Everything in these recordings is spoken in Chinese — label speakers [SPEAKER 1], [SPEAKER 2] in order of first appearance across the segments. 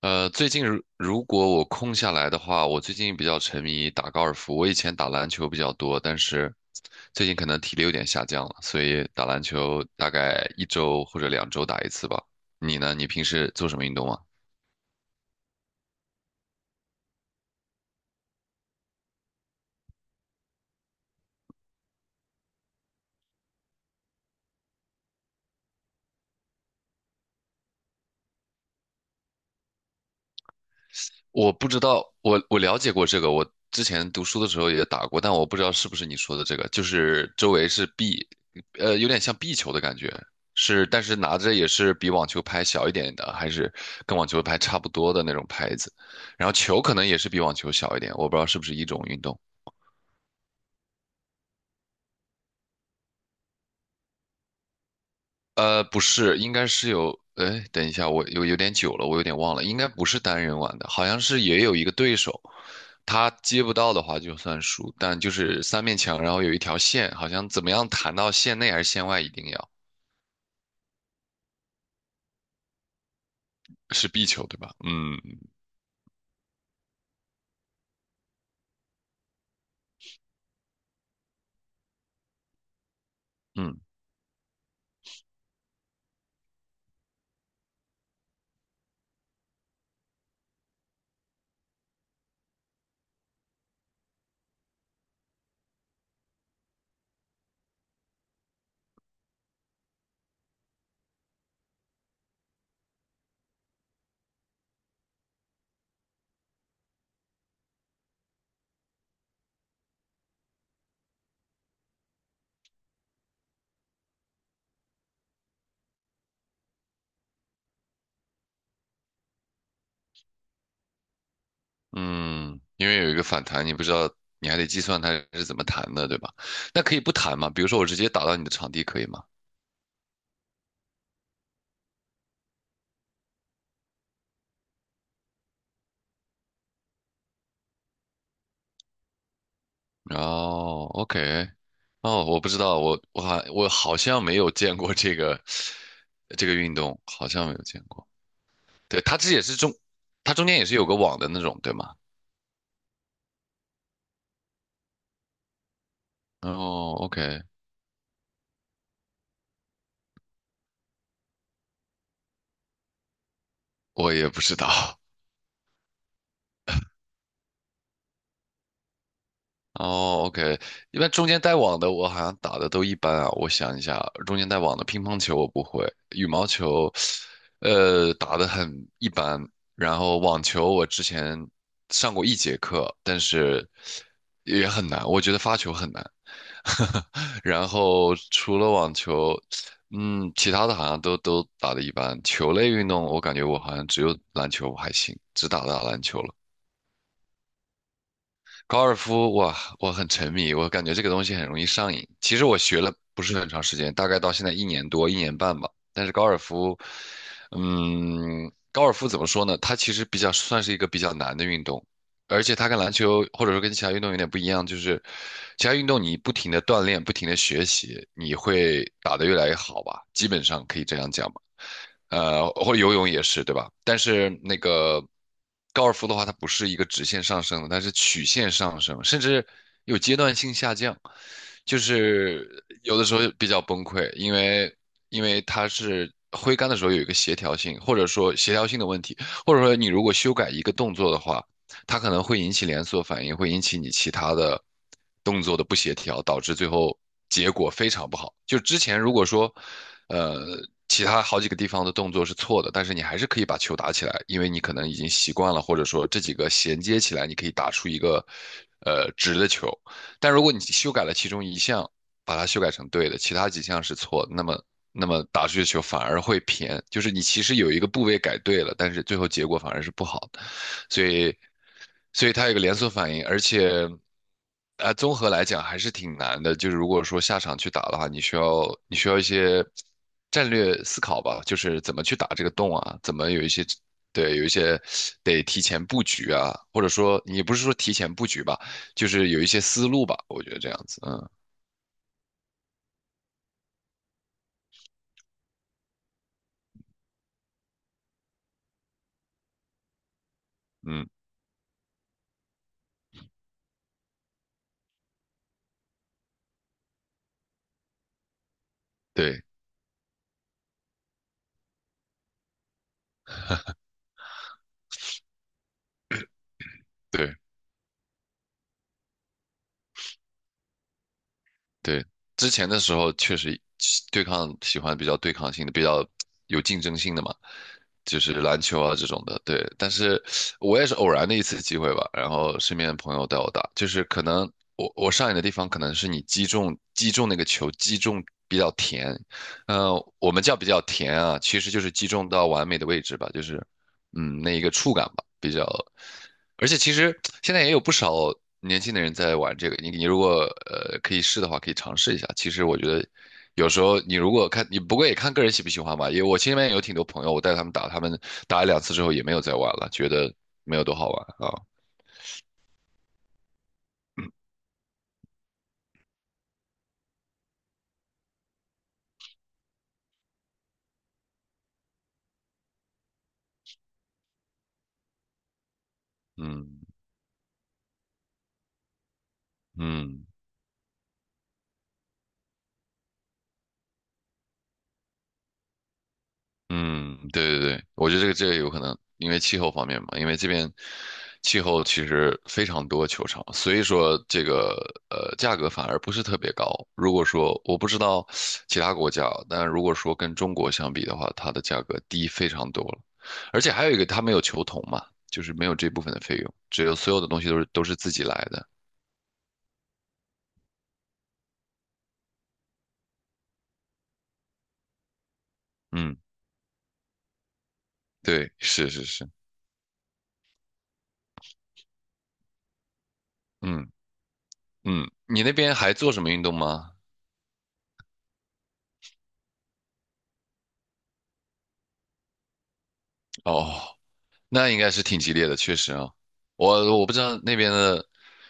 [SPEAKER 1] 最近如果我空下来的话，我最近比较沉迷打高尔夫。我以前打篮球比较多，但是最近可能体力有点下降了，所以打篮球大概1周或者2周打一次吧。你呢？你平时做什么运动啊？我不知道，我了解过这个，我之前读书的时候也打过，但我不知道是不是你说的这个，就是周围是壁，有点像壁球的感觉，是，但是拿着也是比网球拍小一点的，还是跟网球拍差不多的那种拍子，然后球可能也是比网球小一点，我不知道是不是一种运动。不是，应该是有，哎，等一下，我有点久了，我有点忘了，应该不是单人玩的，好像是也有一个对手，他接不到的话就算输，但就是三面墙，然后有一条线，好像怎么样弹到线内还是线外，一定要是壁球对吧？嗯嗯嗯，因为有一个反弹，你不知道，你还得计算它是怎么弹的，对吧？那可以不弹吗？比如说我直接打到你的场地可以吗？哦，OK，哦，我不知道，我好像没有见过这个运动，好像没有见过。对，它中间也是有个网的那种，对吗？哦，OK，我也不知道。哦，OK，一般中间带网的我好像打的都一般啊。我想一下，中间带网的乒乓球我不会，羽毛球，打的很一般。然后网球我之前上过1节课，但是也很难，我觉得发球很难。然后除了网球，其他的好像都打的一般。球类运动我感觉我好像只有篮球还行，只打打篮球了。高尔夫，哇，我很沉迷，我感觉这个东西很容易上瘾。其实我学了不是很长时间，大概到现在1年多、1年半吧。但是高尔夫，高尔夫怎么说呢？它其实比较算是一个比较难的运动，而且它跟篮球或者说跟其他运动有点不一样，就是其他运动你不停的锻炼、不停的学习，你会打得越来越好吧？基本上可以这样讲吧。或者游泳也是，对吧？但是那个高尔夫的话，它不是一个直线上升的，它是曲线上升，甚至有阶段性下降，就是有的时候比较崩溃，因为它是挥杆的时候有一个协调性，或者说协调性的问题，或者说你如果修改一个动作的话，它可能会引起连锁反应，会引起你其他的动作的不协调，导致最后结果非常不好。就之前如果说，呃，其他好几个地方的动作是错的，但是你还是可以把球打起来，因为你可能已经习惯了，或者说这几个衔接起来，你可以打出一个直的球。但如果你修改了其中一项，把它修改成对的，其他几项是错的那么打出去的球反而会偏，就是你其实有一个部位改对了，但是最后结果反而是不好的。所以，所以它有个连锁反应，而且，综合来讲还是挺难的。就是如果说下场去打的话，你需要一些战略思考吧，就是怎么去打这个洞啊，怎么有一些得提前布局啊，或者说你不是说提前布局吧，就是有一些思路吧，我觉得这样子，嗯嗯，对对。对，之前的时候确实喜欢比较对抗性的，比较有竞争性的嘛，就是篮球啊这种的。对，但是我也是偶然的一次机会吧，然后身边的朋友带我打，就是可能我上瘾的地方可能是你击中那个球击中比较甜，嗯、我们叫比较甜啊，其实就是击中到完美的位置吧，就是那一个触感吧，比较。而且其实现在也有不少年轻的人在玩这个，你如果可以试的话，可以尝试一下。其实我觉得有时候你如果看你不过也看个人喜不喜欢吧，因为我身边有挺多朋友，我带他们打，他们打了两次之后也没有再玩了，觉得没有多好玩啊。嗯嗯。嗯，对对对，我觉得这个有可能，因为气候方面嘛，因为这边气候其实非常多球场，所以说这个价格反而不是特别高。如果说我不知道其他国家啊，但如果说跟中国相比的话，它的价格低非常多了，而且还有一个它没有球童嘛，就是没有这部分的费用，只有所有的东西都是自己来的。嗯，对，是是是，嗯嗯，你那边还做什么运动吗？哦，那应该是挺激烈的，确实啊，我不知道那边的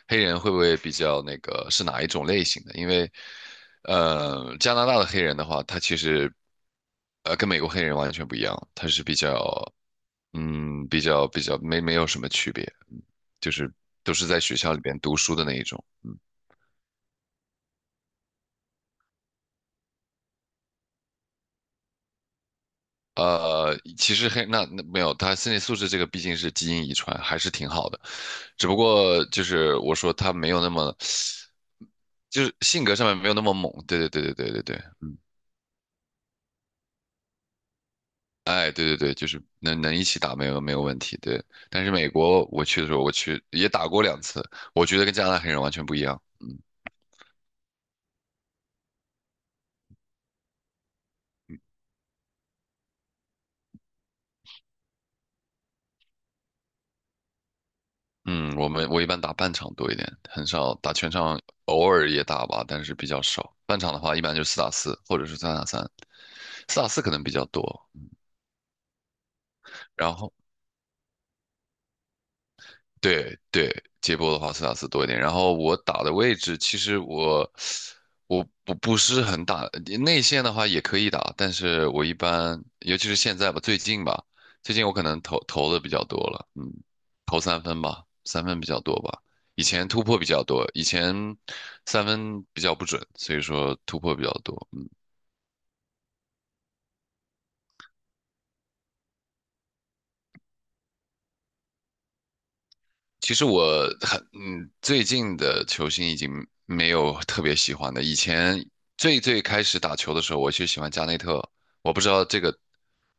[SPEAKER 1] 黑人会不会比较那个是哪一种类型的，因为加拿大的黑人的话，他其实跟美国黑人完全不一样，他是比较没有什么区别，就是都是在学校里边读书的那一种。其实黑那没有，他身体素质这个毕竟是基因遗传，还是挺好的。只不过就是我说他没有那么，就是性格上面没有那么猛。对对对对对对对，哎，对对对，就是能一起打没有问题。对，但是美国我去的时候，我去也打过两次，我觉得跟加拿大黑人完全不一样。嗯嗯，我一般打半场多一点，很少打全场，偶尔也打吧，但是比较少。半场的话，一般就四打四或者是三打三，四打四可能比较多。然后对对，接波的话斯塔斯多一点。然后我打的位置，其实我不是很打内线的话也可以打，但是我一般，尤其是现在吧，最近吧，最近我可能投的比较多了，投三分吧，三分比较多吧。以前突破比较多，以前三分比较不准，所以说突破比较多。嗯其实我很嗯，最近的球星已经没有特别喜欢的。以前最开始打球的时候，我就喜欢加内特。我不知道这个，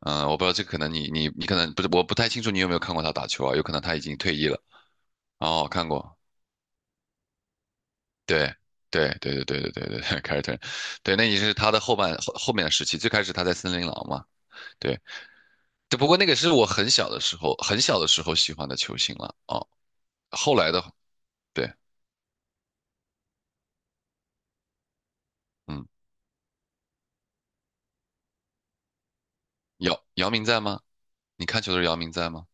[SPEAKER 1] 我不知道这个可能你可能不是，我不太清楚你有没有看过他打球啊？有可能他已经退役了。哦，看过，对对对对对对对对，凯尔特人对，那已经是他的后半后后面的时期。最开始他在森林狼嘛，对。只不过那个是我很小的时候，很小的时候喜欢的球星了。哦，后来的，对，嗯，姚明在吗？你看球的时候姚明在吗？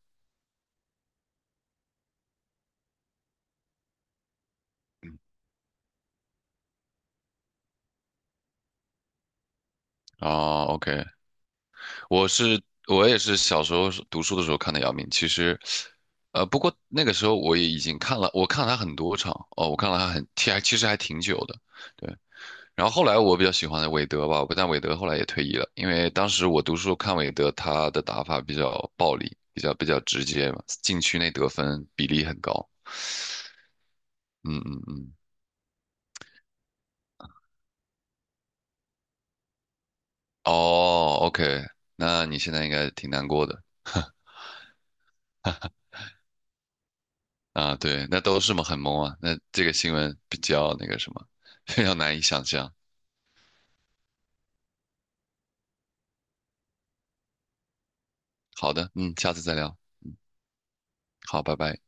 [SPEAKER 1] 哦，OK，我也是小时候是读书的时候看的姚明。其实，不过那个时候我也已经看了，我看了他很多场哦，我看了他很，其实还挺久的。对，然后后来我比较喜欢的韦德吧，但韦德后来也退役了，因为当时我读书看韦德，他的打法比较暴力，比较直接嘛，禁区内得分比例很高。嗯嗯嗯，哦，OK，那你现在应该挺难过的。啊，对，那都是嘛，很懵啊。那这个新闻比较那个什么，非常难以想象。好的，下次再聊。好，拜拜。